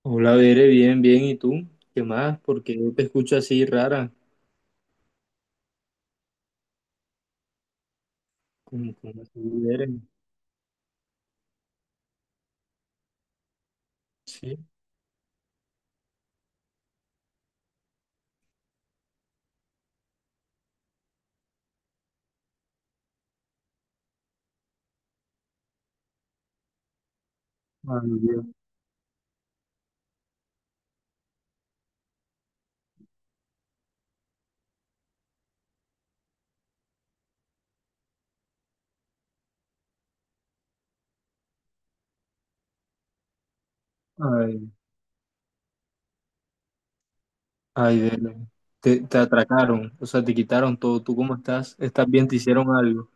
Hola, Bere, bien, bien. ¿Y tú? ¿Qué más? Porque yo te escucho así rara. ¿Cómo así, Bere? Sí. Ay, Dios. Ay, ay, Bere. Te atracaron, o sea, te quitaron todo. ¿Tú cómo estás? ¿Estás bien? ¿Te hicieron algo?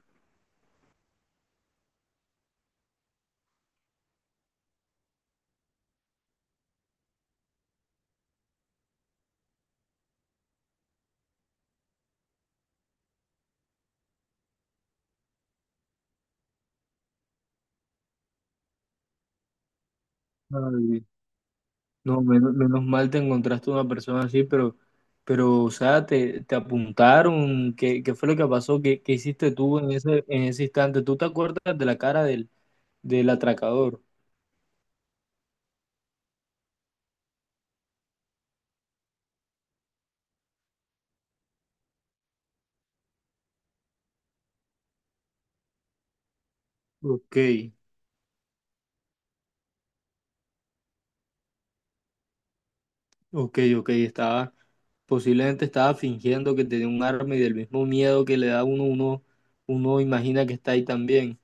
Ay, no, menos mal te encontraste una persona así, pero, o sea, te apuntaron. ¿Qué fue lo que pasó? ¿Qué hiciste tú en ese instante? ¿Tú te acuerdas de la cara del atracador? Ok, ok, estaba. Posiblemente estaba fingiendo que tenía un arma y del mismo miedo que le da a uno, imagina que está ahí también.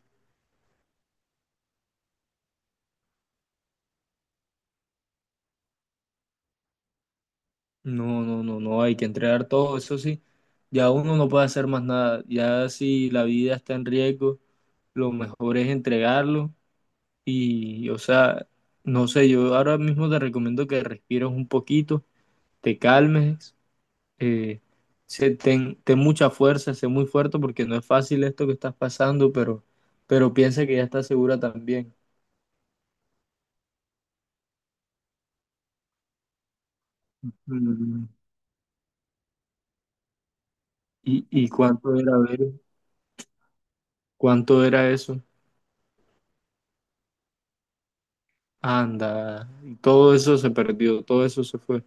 No, no, no, no, hay que entregar todo, eso sí. Ya uno no puede hacer más nada. Ya si la vida está en riesgo, lo mejor es entregarlo. Y, o sea, no sé, yo ahora mismo te recomiendo que respires un poquito, te calmes, eh, ten, ten mucha fuerza, sé muy fuerte porque no es fácil esto que estás pasando, pero piensa que ya estás segura también. Mm. ¿Y cuánto era ver? ¿Cuánto era eso? Anda, y todo eso se perdió, todo eso se fue.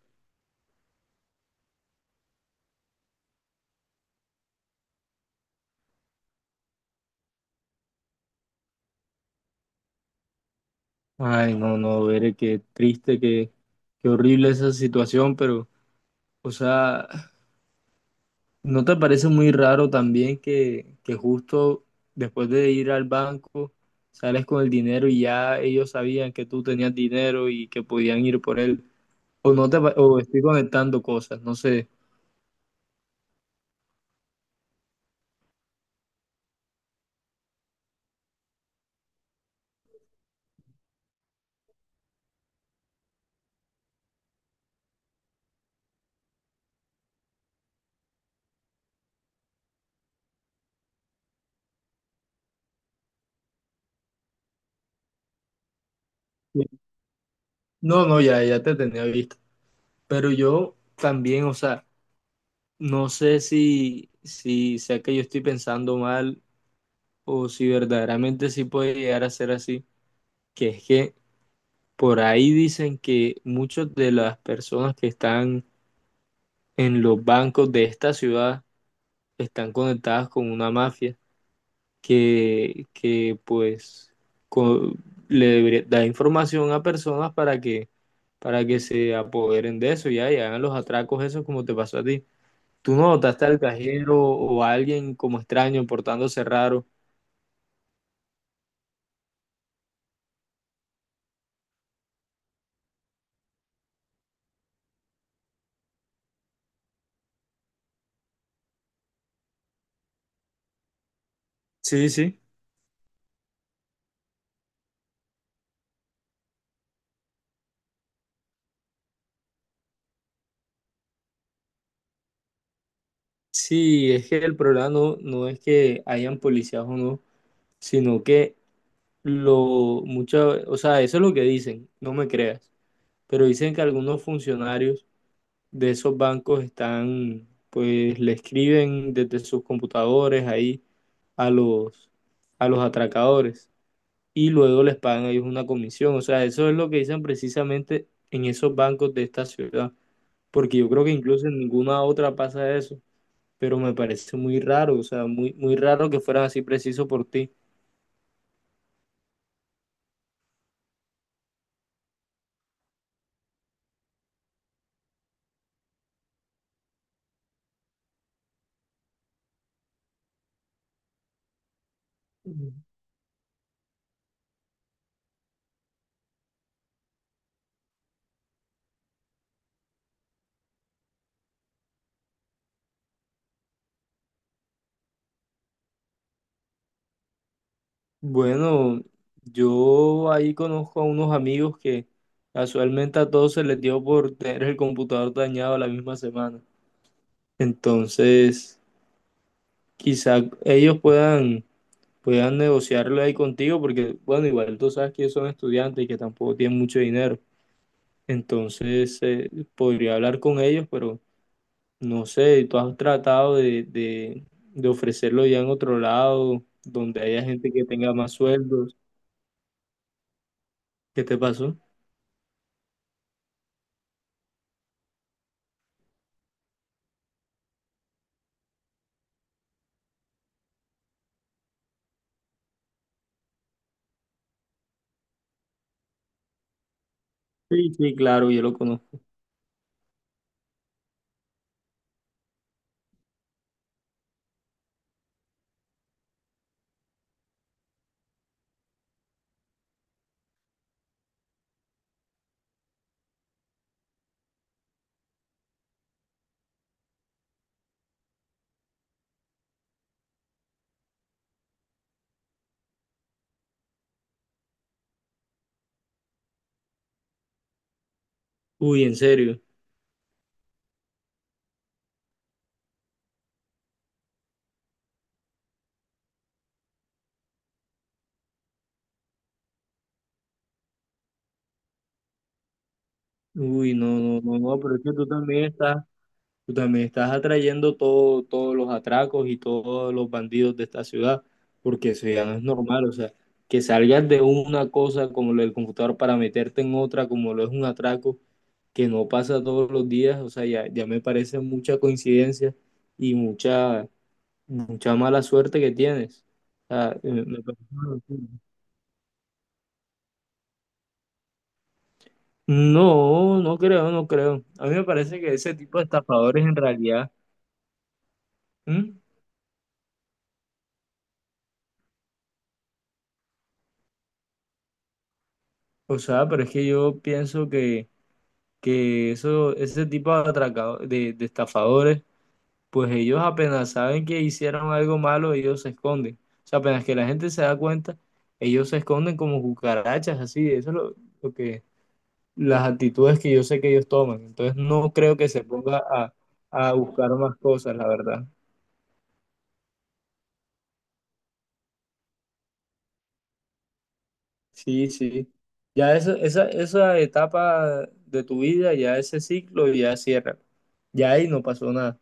Ay, no, no, Bere, qué triste, qué, qué horrible esa situación, pero, o sea, ¿no te parece muy raro también que justo después de ir al banco sales con el dinero y ya ellos sabían que tú tenías dinero y que podían ir por él? O no te, o estoy conectando cosas, no sé. No, no, ya, ya te tenía visto. Pero yo también, o sea, no sé si, si sea que yo estoy pensando mal o si verdaderamente sí puede llegar a ser así, que es que por ahí dicen que muchas de las personas que están en los bancos de esta ciudad están conectadas con una mafia que pues co- da información a personas para que se apoderen de eso ya, y hagan los atracos esos como te pasó a ti. ¿Tú no notaste al cajero o a alguien como extraño portándose raro? Sí, sí. Sí, es que el problema no, no es que hayan policías o no, sino que lo mucho, o sea, eso es lo que dicen, no me creas, pero dicen que algunos funcionarios de esos bancos están, pues le escriben desde sus computadores ahí a los, a los atracadores y luego les pagan a ellos una comisión, o sea, eso es lo que dicen precisamente en esos bancos de esta ciudad. Porque yo creo que incluso en ninguna otra pasa eso, pero me parece muy raro, o sea, muy, muy raro que fueran así preciso por ti. Bueno, yo ahí conozco a unos amigos que casualmente a todos se les dio por tener el computador dañado la misma semana. Entonces, quizá ellos puedan, puedan negociarlo ahí contigo, porque, bueno, igual tú sabes que ellos son estudiantes y que tampoco tienen mucho dinero. Entonces, podría hablar con ellos, pero no sé, tú has tratado de ofrecerlo ya en otro lado, donde haya gente que tenga más sueldos. ¿Qué te pasó? Sí, sí, claro, yo lo conozco. Uy, en serio. Uy, no, no, no, no, pero es que tú también estás atrayendo todo, todos los atracos y todos los bandidos de esta ciudad, porque eso ya no es normal. O sea, que salgas de una cosa como lo del computador para meterte en otra como lo es un atraco, que no pasa todos los días, o sea, ya, ya me parece mucha coincidencia y mucha, mucha mala suerte que tienes. O sea, me parece una locura. No, no creo, no creo. A mí me parece que ese tipo de estafadores en realidad, ¿mm? O sea, pero es que yo pienso que eso, ese tipo de estafadores, pues ellos apenas saben que hicieron algo malo, ellos se esconden. O sea, apenas que la gente se da cuenta, ellos se esconden como cucarachas, así, eso es lo que las actitudes que yo sé que ellos toman. Entonces no creo que se ponga a buscar más cosas, la verdad. Sí, sí. Ya eso, esa etapa de tu vida, ya ese ciclo, ya cierra. Ya ahí no pasó nada.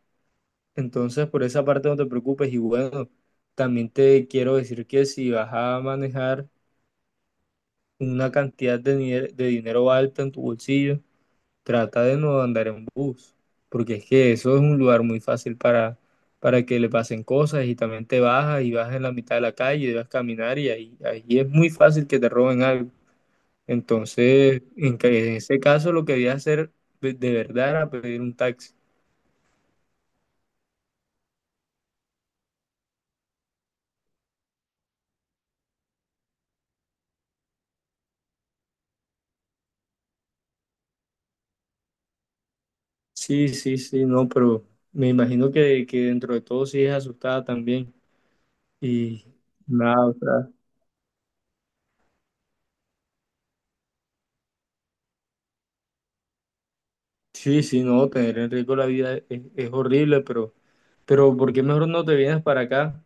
Entonces por esa parte no te preocupes. Y bueno, también te quiero decir que si vas a manejar una cantidad de, de dinero alta en tu bolsillo, trata de no andar en bus, porque es que eso es un lugar muy fácil para que le pasen cosas, y también te bajas y vas en la mitad de la calle, debes caminar y ahí, ahí es muy fácil que te roben algo. Entonces, en, en ese caso lo que voy a hacer de verdad era pedir un taxi. Sí, sí, sí, no, pero me imagino que dentro de todo sí es asustada también. Y nada, o sea, sí, sí, no, tener en riesgo la vida es horrible, pero ¿por qué mejor no te vienes para acá?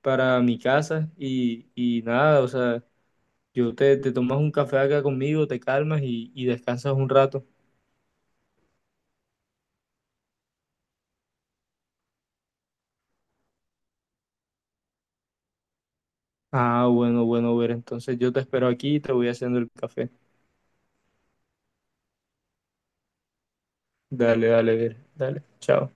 Para mi casa y nada, o sea, yo te, te tomas un café acá conmigo, te calmas y descansas un rato. Ah, bueno, bueno, ver, entonces yo te espero aquí y te voy haciendo el café. Dale, dale, ver, dale, chao.